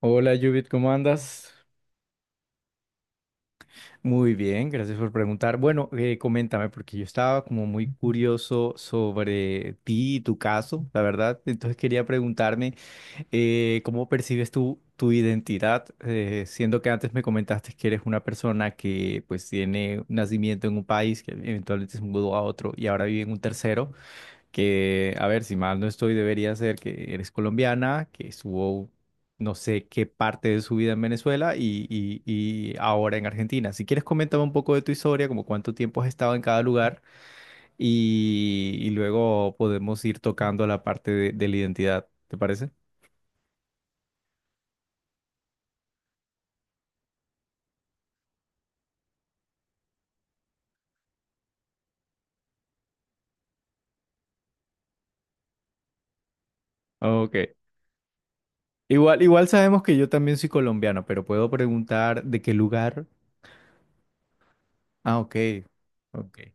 Hola Judith, ¿cómo andas? Muy bien, gracias por preguntar. Bueno, coméntame, porque yo estaba como muy curioso sobre ti y tu caso, la verdad. Entonces quería preguntarme, ¿cómo percibes tú tu identidad? Siendo que antes me comentaste que eres una persona que pues tiene un nacimiento en un país, que eventualmente se mudó a otro y ahora vive en un tercero que, a ver, si mal no estoy, debería ser que eres colombiana, que estuvo no sé qué parte de su vida en Venezuela y ahora en Argentina. Si quieres, coméntame un poco de tu historia, como cuánto tiempo has estado en cada lugar y luego podemos ir tocando la parte de la identidad, ¿te parece? Ok. Igual, igual sabemos que yo también soy colombiano, pero puedo preguntar de qué lugar. Ah, ok. Ok.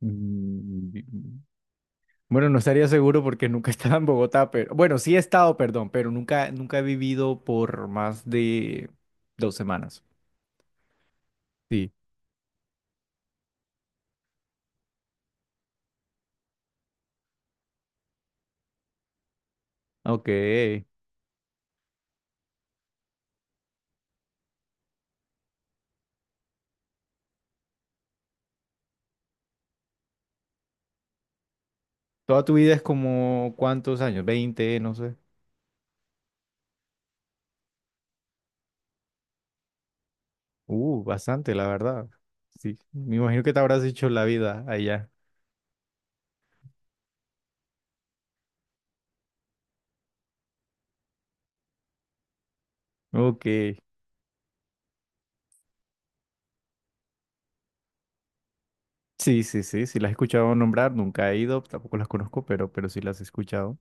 Mm. Bueno, no estaría seguro porque nunca he estado en Bogotá, pero bueno, sí he estado, perdón, pero nunca, nunca he vivido por más de dos semanas. Sí. Ok. Toda tu vida es como cuántos años, veinte, no sé. Bastante, la verdad. Sí. Me imagino que te habrás hecho la vida allá. Ok. Sí, sí, sí, sí las he escuchado nombrar, nunca he ido, tampoco las conozco, pero sí las he escuchado.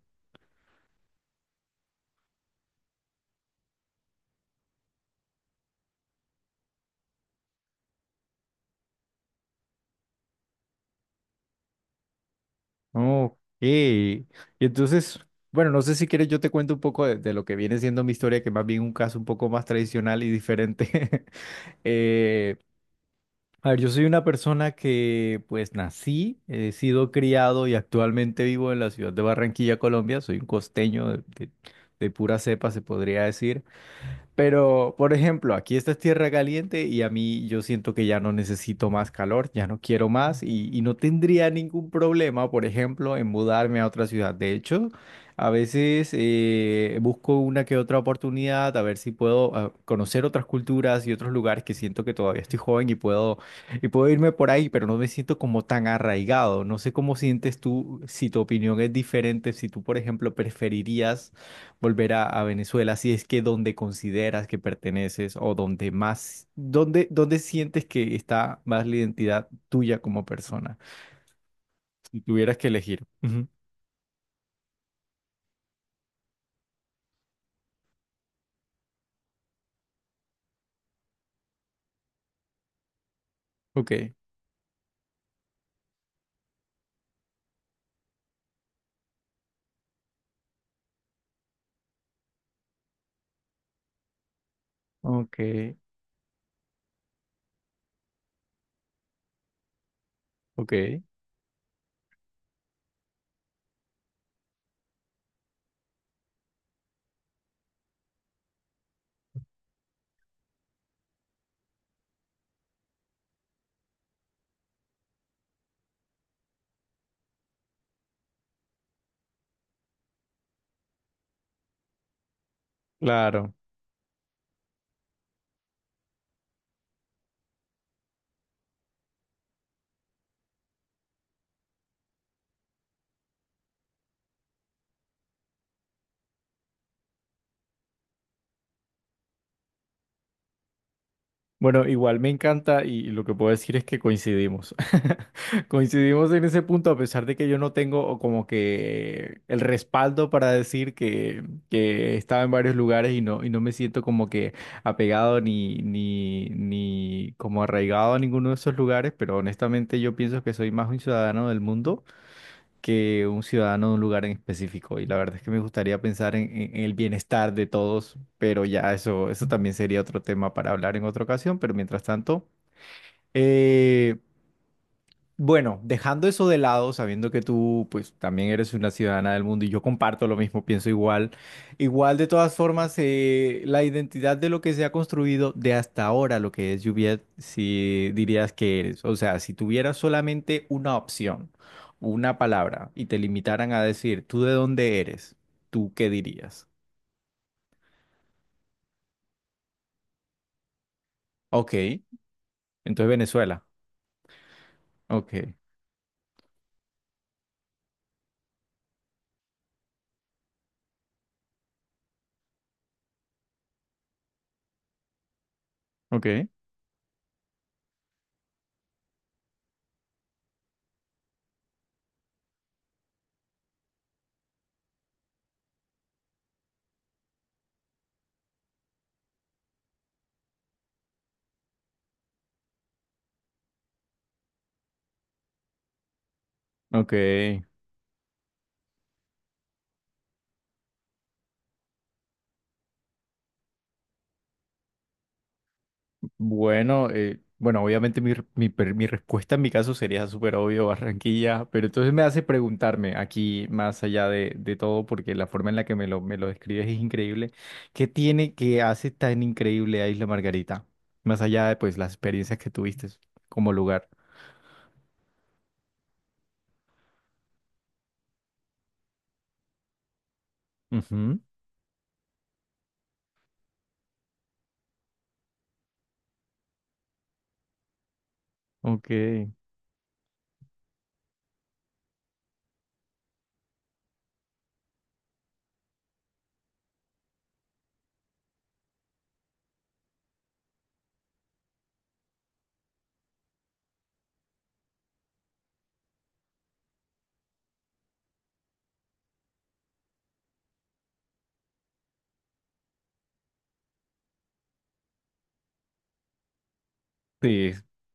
Ok. Y entonces, bueno, no sé si quieres, yo te cuento un poco de lo que viene siendo mi historia, que más bien un caso un poco más tradicional y diferente. Eh, a ver, yo soy una persona que pues nací, he sido criado y actualmente vivo en la ciudad de Barranquilla, Colombia. Soy un costeño de, de pura cepa, se podría decir. Pero, por ejemplo, aquí esta es tierra caliente y a mí yo siento que ya no necesito más calor, ya no quiero más y no tendría ningún problema, por ejemplo, en mudarme a otra ciudad. De hecho, a veces busco una que otra oportunidad a ver si puedo conocer otras culturas y otros lugares que siento que todavía estoy joven y puedo irme por ahí, pero no me siento como tan arraigado. No sé cómo sientes tú, si tu opinión es diferente, si tú, por ejemplo, preferirías volver a Venezuela, si es que donde consideras que perteneces o donde más, donde, donde sientes que está más la identidad tuya como persona, si tuvieras que elegir. Ujú. Ok, ok, ok, claro. Bueno, igual me encanta y lo que puedo decir es que coincidimos. Coincidimos en ese punto a pesar de que yo no tengo como que el respaldo para decir que estaba en varios lugares y no me siento como que apegado ni como arraigado a ninguno de esos lugares, pero honestamente yo pienso que soy más un ciudadano del mundo que un ciudadano de un lugar en específico. Y la verdad es que me gustaría pensar en, en el bienestar de todos, pero ya eso también sería otro tema para hablar en otra ocasión. Pero mientras tanto, eh, bueno, dejando eso de lado, sabiendo que tú pues también eres una ciudadana del mundo y yo comparto lo mismo, pienso igual, igual de todas formas la identidad de lo que se ha construido de hasta ahora, lo que es Juliet, si dirías que eres, o sea, si tuvieras solamente una opción, una palabra y te limitaran a decir tú de dónde eres, ¿tú qué dirías? Ok, entonces Venezuela. Ok, ok, ok. Bueno, bueno, obviamente mi respuesta en mi caso sería súper obvio, Barranquilla, pero entonces me hace preguntarme aquí, más allá de todo, porque la forma en la que me lo describes es increíble, ¿qué tiene que hace tan increíble a Isla Margarita? Más allá de pues las experiencias que tuviste como lugar. Ujú. Ok, sí,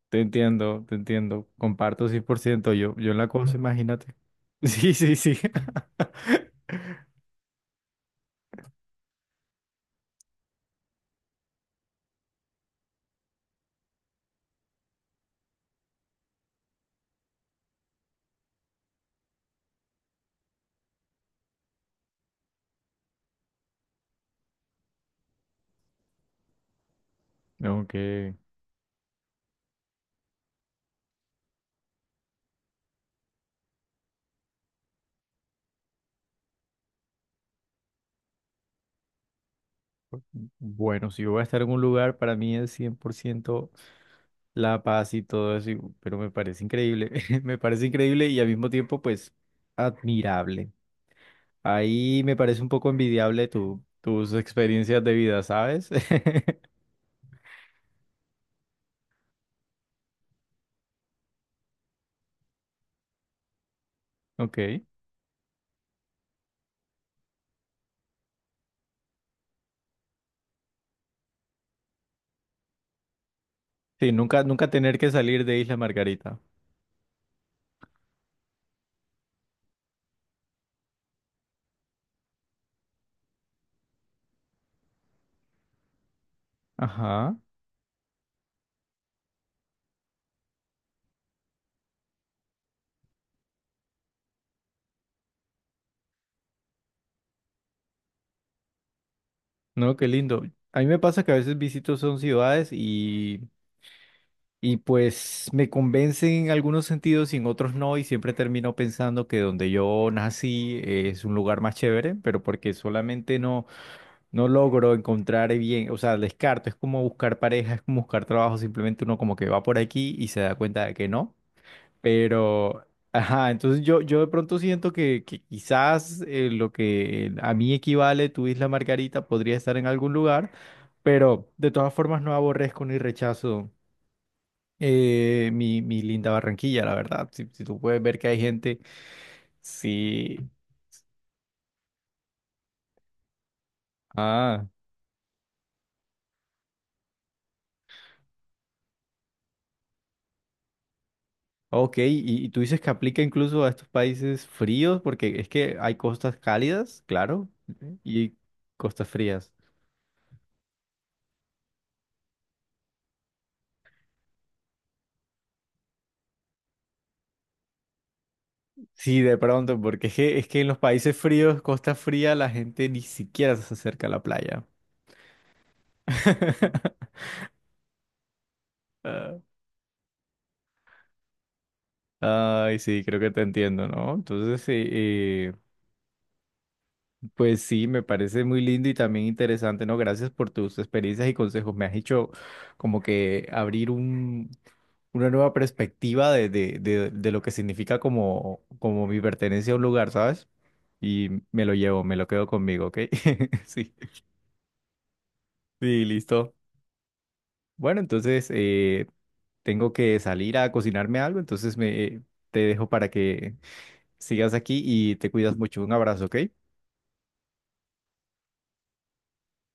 te entiendo, comparto 100%. Yo en la cosa, imagínate. Sí, sí, sí. Ok. Bueno, si yo voy a estar en un lugar, para mí es 100% la paz y todo eso, pero me parece increíble, me parece increíble y al mismo tiempo, pues, admirable. Ahí me parece un poco envidiable tu, tus experiencias de vida, ¿sabes? Ok. Sí, nunca, nunca tener que salir de Isla Margarita. Ajá. No, qué lindo. A mí me pasa que a veces visito son ciudades y pues me convence en algunos sentidos y en otros no, y siempre termino pensando que donde yo nací es un lugar más chévere, pero porque solamente no, no logro encontrar bien, o sea, descarto, es como buscar pareja, es como buscar trabajo, simplemente uno como que va por aquí y se da cuenta de que no, pero, ajá, entonces yo de pronto siento que quizás lo que a mí equivale tu Isla Margarita podría estar en algún lugar, pero de todas formas no aborrezco ni rechazo mi, mi linda Barranquilla, la verdad. Si, si tú puedes ver que hay gente, sí. Ah, ok. Y tú dices que aplica incluso a estos países fríos, porque es que hay costas cálidas, claro, ujú, y costas frías. Sí, de pronto, porque es que en los países fríos, costa fría, la gente ni siquiera se acerca a la playa. Ah, ay, sí, creo que te entiendo, ¿no? Entonces, sí. Pues sí, me parece muy lindo y también interesante, ¿no? Gracias por tus experiencias y consejos. Me has hecho como que abrir un, una nueva perspectiva de lo que significa como, como mi pertenencia a un lugar, ¿sabes? Y me lo llevo, me lo quedo conmigo, ¿ok? Sí, sí, listo. Bueno, entonces tengo que salir a cocinarme algo, entonces me, te dejo para que sigas aquí y te cuidas mucho. Un abrazo, ¿ok?